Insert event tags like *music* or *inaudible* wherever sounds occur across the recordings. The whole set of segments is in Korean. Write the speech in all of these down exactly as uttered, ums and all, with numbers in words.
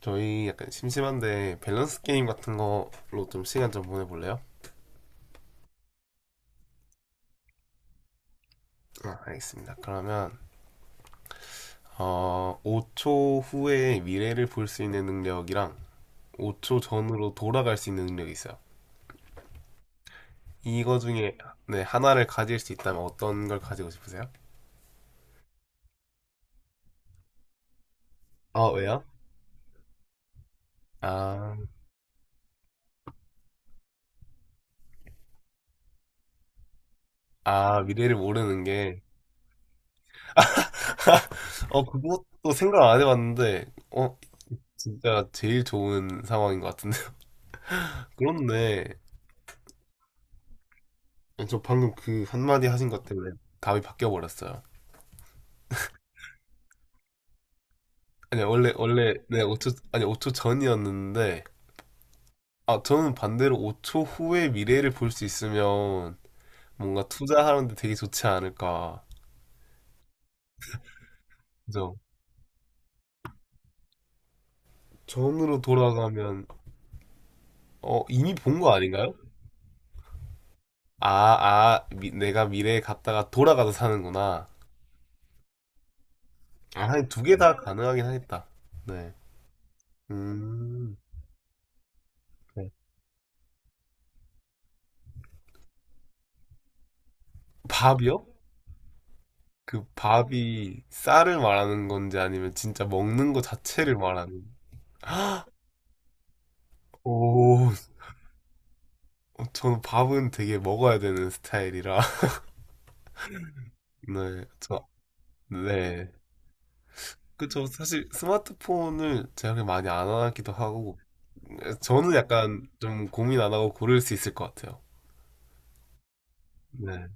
저희 약간 심심한데 밸런스 게임 같은 거로 좀 시간 좀 보내볼래요? 아, 알겠습니다. 그러면 어, 오 초 후에 미래를 볼 수 있는 능력이랑 오 초 전으로 돌아갈 수 있는 능력이 있어요. 이거 중에 네, 하나를 가질 수 있다면 어떤 걸 가지고 싶으세요? 아, 왜요? 아, 아, 미래를 모르는 게. *laughs* 어, 그것도 생각 안 해봤는데, 어, 진짜 제일 좋은 상황인 것 같은데. *laughs* 그렇네. 네, 저 방금 그 한마디 하신 것 때문에 답이 바뀌어 버렸어요. 아니, 원래 원래 네, 오 초, 아니 오 초 전이었는데. 아, 저는 반대로 오 초 후의 미래를 볼 수 있으면 뭔가 투자하는데 되게 좋지 않을까. 그죠? 전으로 돌아가면 어 이미 본 거 아닌가요? 아, 아, 미- 내가 미래에 갔다가 돌아가서 사는구나. 아, 두 개 다 가능하긴 하겠다. 네. 음. 네. 밥이요? 그 밥이 쌀을 말하는 건지, 아니면 진짜 먹는 거 자체를 말하는. *gasps* 오, 어, 저는 밥은 되게 먹어야 되는 스타일이라. *laughs* 네, 저, 네. 그쵸. 사실 스마트폰을 제가 그렇게 많이 안 하기도 하고, 저는 약간 좀 고민 안 하고 고를 수 있을 것 같아요. 네.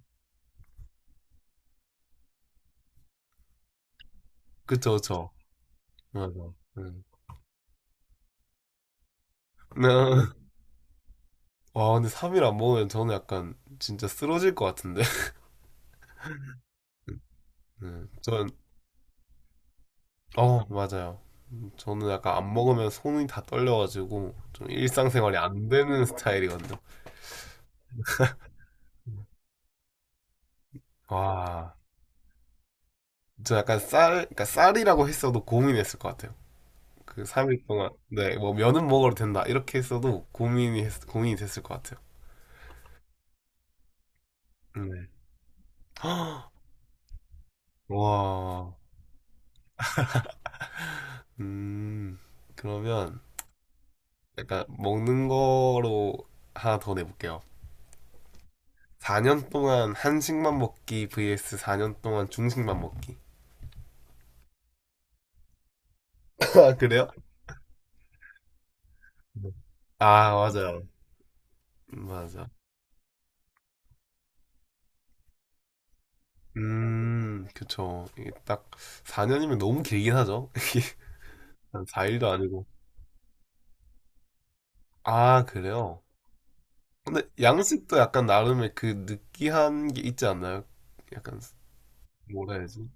그쵸, 저 맞아. 음. 네. *laughs* 와, 근데 삼 일 안 먹으면 저는 약간 진짜 쓰러질 것 같은데. *laughs* 네. 저 어, 맞아요. 음, 저는 약간 안 먹으면 손이 다 떨려가지고 좀 일상생활이 안 되는 *laughs* 스타일이거든요. 와, 저 약간 쌀, 그러니까 쌀이라고 했어도 고민했을 것 같아요. 그 삼 일 동안, 네, 뭐 면은 먹어도 된다 이렇게 했어도 고민이 했, 고민이 됐을 것 같아요. 네. *gasps* 와, 음, 그러면 약간 먹는 거로 하나 더 내볼게요. 사 년 동안 한식만 먹기 vs 사 년 동안 중식만 먹기. *laughs* 아, 그래요? 네. 아, 맞아요. 맞아. 음, 그쵸. 이게 딱 사 년이면 너무 길긴 하죠. *laughs* 이게 한 사 일도 아니고. 아, 그래요? 근데 양식도 약간 나름의 그 느끼한 게 있지 않나요? 약간, 뭐라 해야지?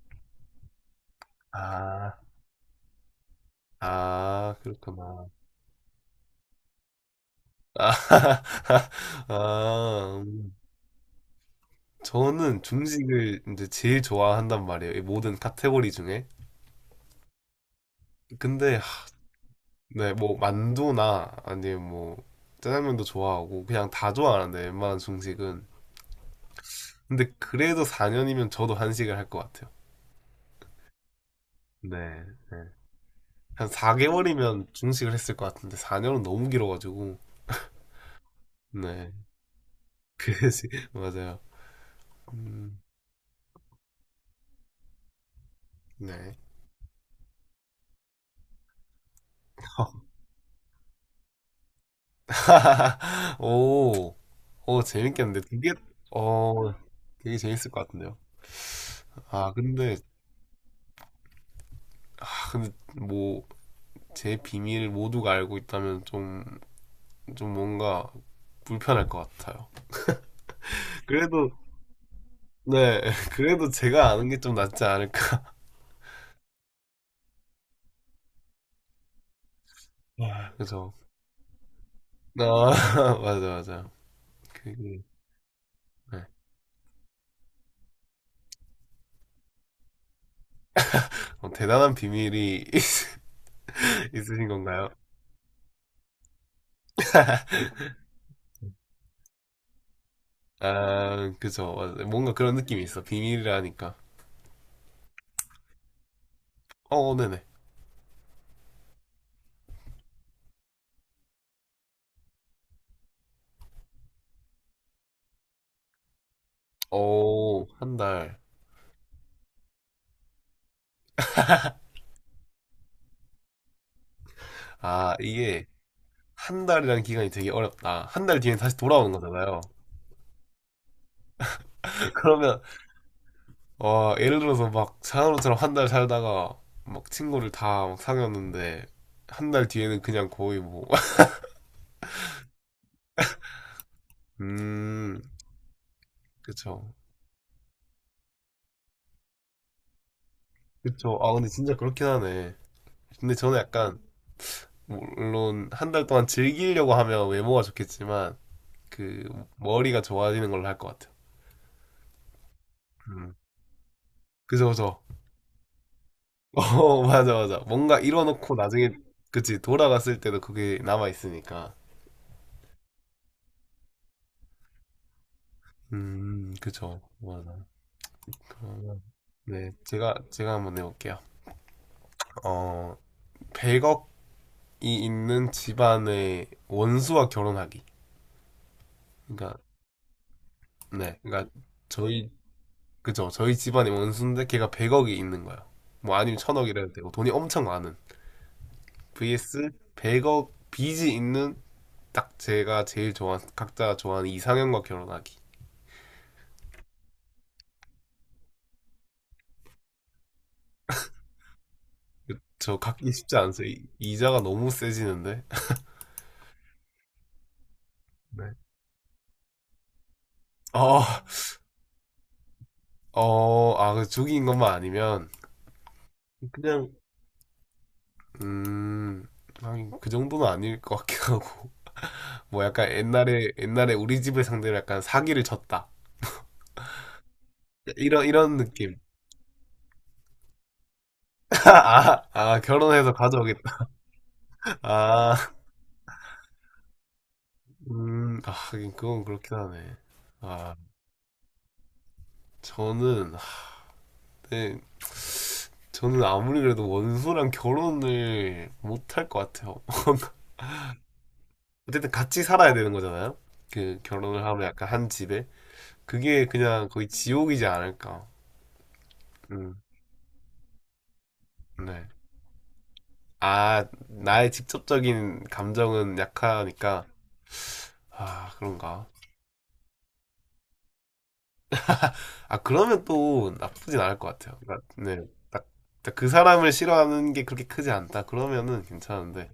아, 아, 그렇구나. 아, *laughs* 아, 음. 저는 중식을 이제 제일 좋아한단 말이에요. 이 모든 카테고리 중에. 근데 네, 뭐 만두나 아니면 뭐 짜장면도 좋아하고 그냥 다 좋아하는데, 웬만한 중식은. 근데 그래도 사 년이면 저도 한식을 할 것 같아요. 네, 네. 한 사 개월이면 중식을 했을 것 같은데 사 년은 너무 길어가지고. 네, 그래서 *laughs* 맞아요. 음, 네. *laughs* 오, 오 재밌겠는데, 되게 어 되게 재밌을 것 같은데요. 아 근데 아 근데 뭐 제 비밀을 모두가 알고 있다면 좀 좀 뭔가 불편할 것 같아요. 그래도 네, *laughs* 그래도 제가 아는 게 좀 낫지 않을까. 와, 그래서 아, *laughs* 맞아, 맞아. 그, 음, 어, 대단한 비밀이 *laughs* 있으신 건가요? *laughs* 아, 그죠. 맞아요. 뭔가 그런 느낌이 있어. 비밀이라니까. 어, 네네. 오, 한 달. 아, 이게 한 달이라는 기간이 되게 어렵다. 한 달 뒤엔 다시 돌아오는 거잖아요. *laughs* 그러면 와, 예를 들어서 막 사나로처럼 한 달 살다가 막 친구를 다 막 사귀었는데 한 달 뒤에는 그냥 거의 뭐. *laughs* 음, 그쵸. 그쵸. 아, 근데 진짜 그렇긴 하네. 근데 저는 약간, 물론 한 달 동안 즐기려고 하면 외모가 좋겠지만 그 머리가 좋아지는 걸로 할 것 같아요. 음. 그죠, 그죠. *laughs* 어, 맞아, 맞아. 뭔가 이뤄놓고 나중에 그치 돌아갔을 때도 그게 남아 있으니까. 음, 그쵸. 맞아. 그러면 네, 제가 제가 한번 내볼게요. 어 백억이 있는 집안의 원수와 결혼하기. 그러니까 네, 그러니까 저희 그죠? 저희 집안의 원수인데 걔가 백억이 있는 거야. 뭐 아니면 천억이라도 되고 돈이 엄청 많은 vs 백억 빚이 있는, 딱 제가 제일 좋아하는, 각자 좋아하는 이상형과 결혼하기. 저 갖기 쉽지 않죠. 이- 이자가 너무 세지는데. 네. 어, 어, 아, 그 죽인 것만 아니면, 그냥 음, 하긴 그 정도는 아닐 것 같긴 하고. 뭐 약간 옛날에 옛날에 우리 집을 상대로 약간 사기를 쳤다. 이런 이런 느낌. *laughs* 아, 아 결혼해서 가져오겠다. 아, 음, 아, 하긴 그건 그렇긴 하네. 아, 저는 아, 네, 저는 아무리 그래도 원수랑 결혼을 못할 것 같아요. 어쨌든 같이 살아야 되는 거잖아요. 그 결혼을 하면 약간 한 집에, 그게 그냥 거의 지옥이지 않을까. 음, 네. 아, 나의 직접적인 감정은 약하니까. 아, 그런가. 아, 그러면 또 나쁘진 않을 것 같아요. 그러니까, 네. 딱, 딱그 사람을 싫어하는 게 그렇게 크지 않다. 그러면은 괜찮은데.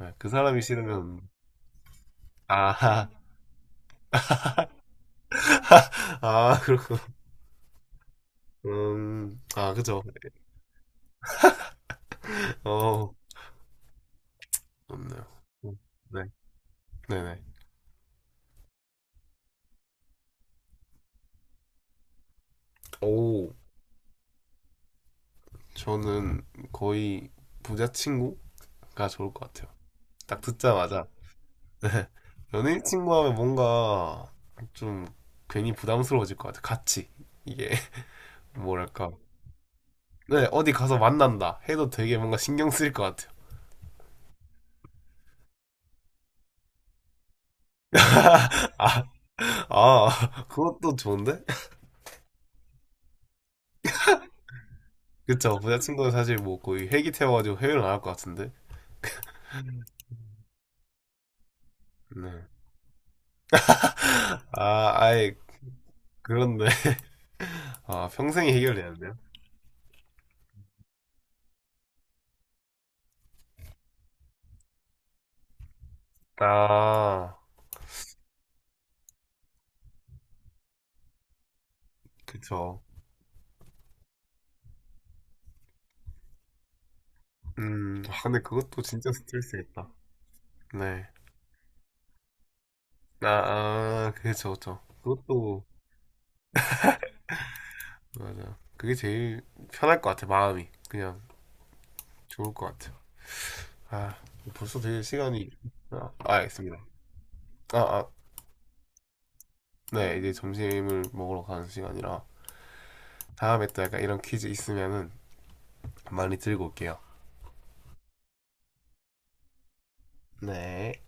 네, 그 사람이 싫으면. 아, *laughs* 아, 그렇군. 음, 아, 그죠. 어, 좋네요. 음, 네, 네네. 오, 저는 거의 부자 친구가 좋을 것 같아요. 딱 듣자마자. *laughs* 네. 연예인 친구 하면 뭔가 좀 괜히 부담스러워질 것 같아요. 같이. 이게, *laughs* 뭐랄까. 네, 어디 가서 만난다 해도 되게 뭔가 신경 쓰일 것 같아요. *laughs* 아, 아, 그것도 좋은데? 그쵸, 부자친구는 사실 뭐 거의 회기 태워가지고 회외를 안 할 것 같은데. 네. 아, 아예, 그런데. 아, 평생이 해결돼야 돼요? 아, 그쵸. 음, 아, 근데 그것도 진짜 스트레스겠다. 네. 아, 아, 그쵸, 그쵸. 그것도, 맞아요. 그게 제일 편할 것 같아, 마음이. 그냥 좋을 것 같아요. 아, 벌써 되게 시간이. 아, 아, 알겠습니다. 아, 아. 네, 이제 점심을 먹으러 가는 시간이라 다음에 또 약간 이런 퀴즈 있으면은 많이 들고 올게요. 네.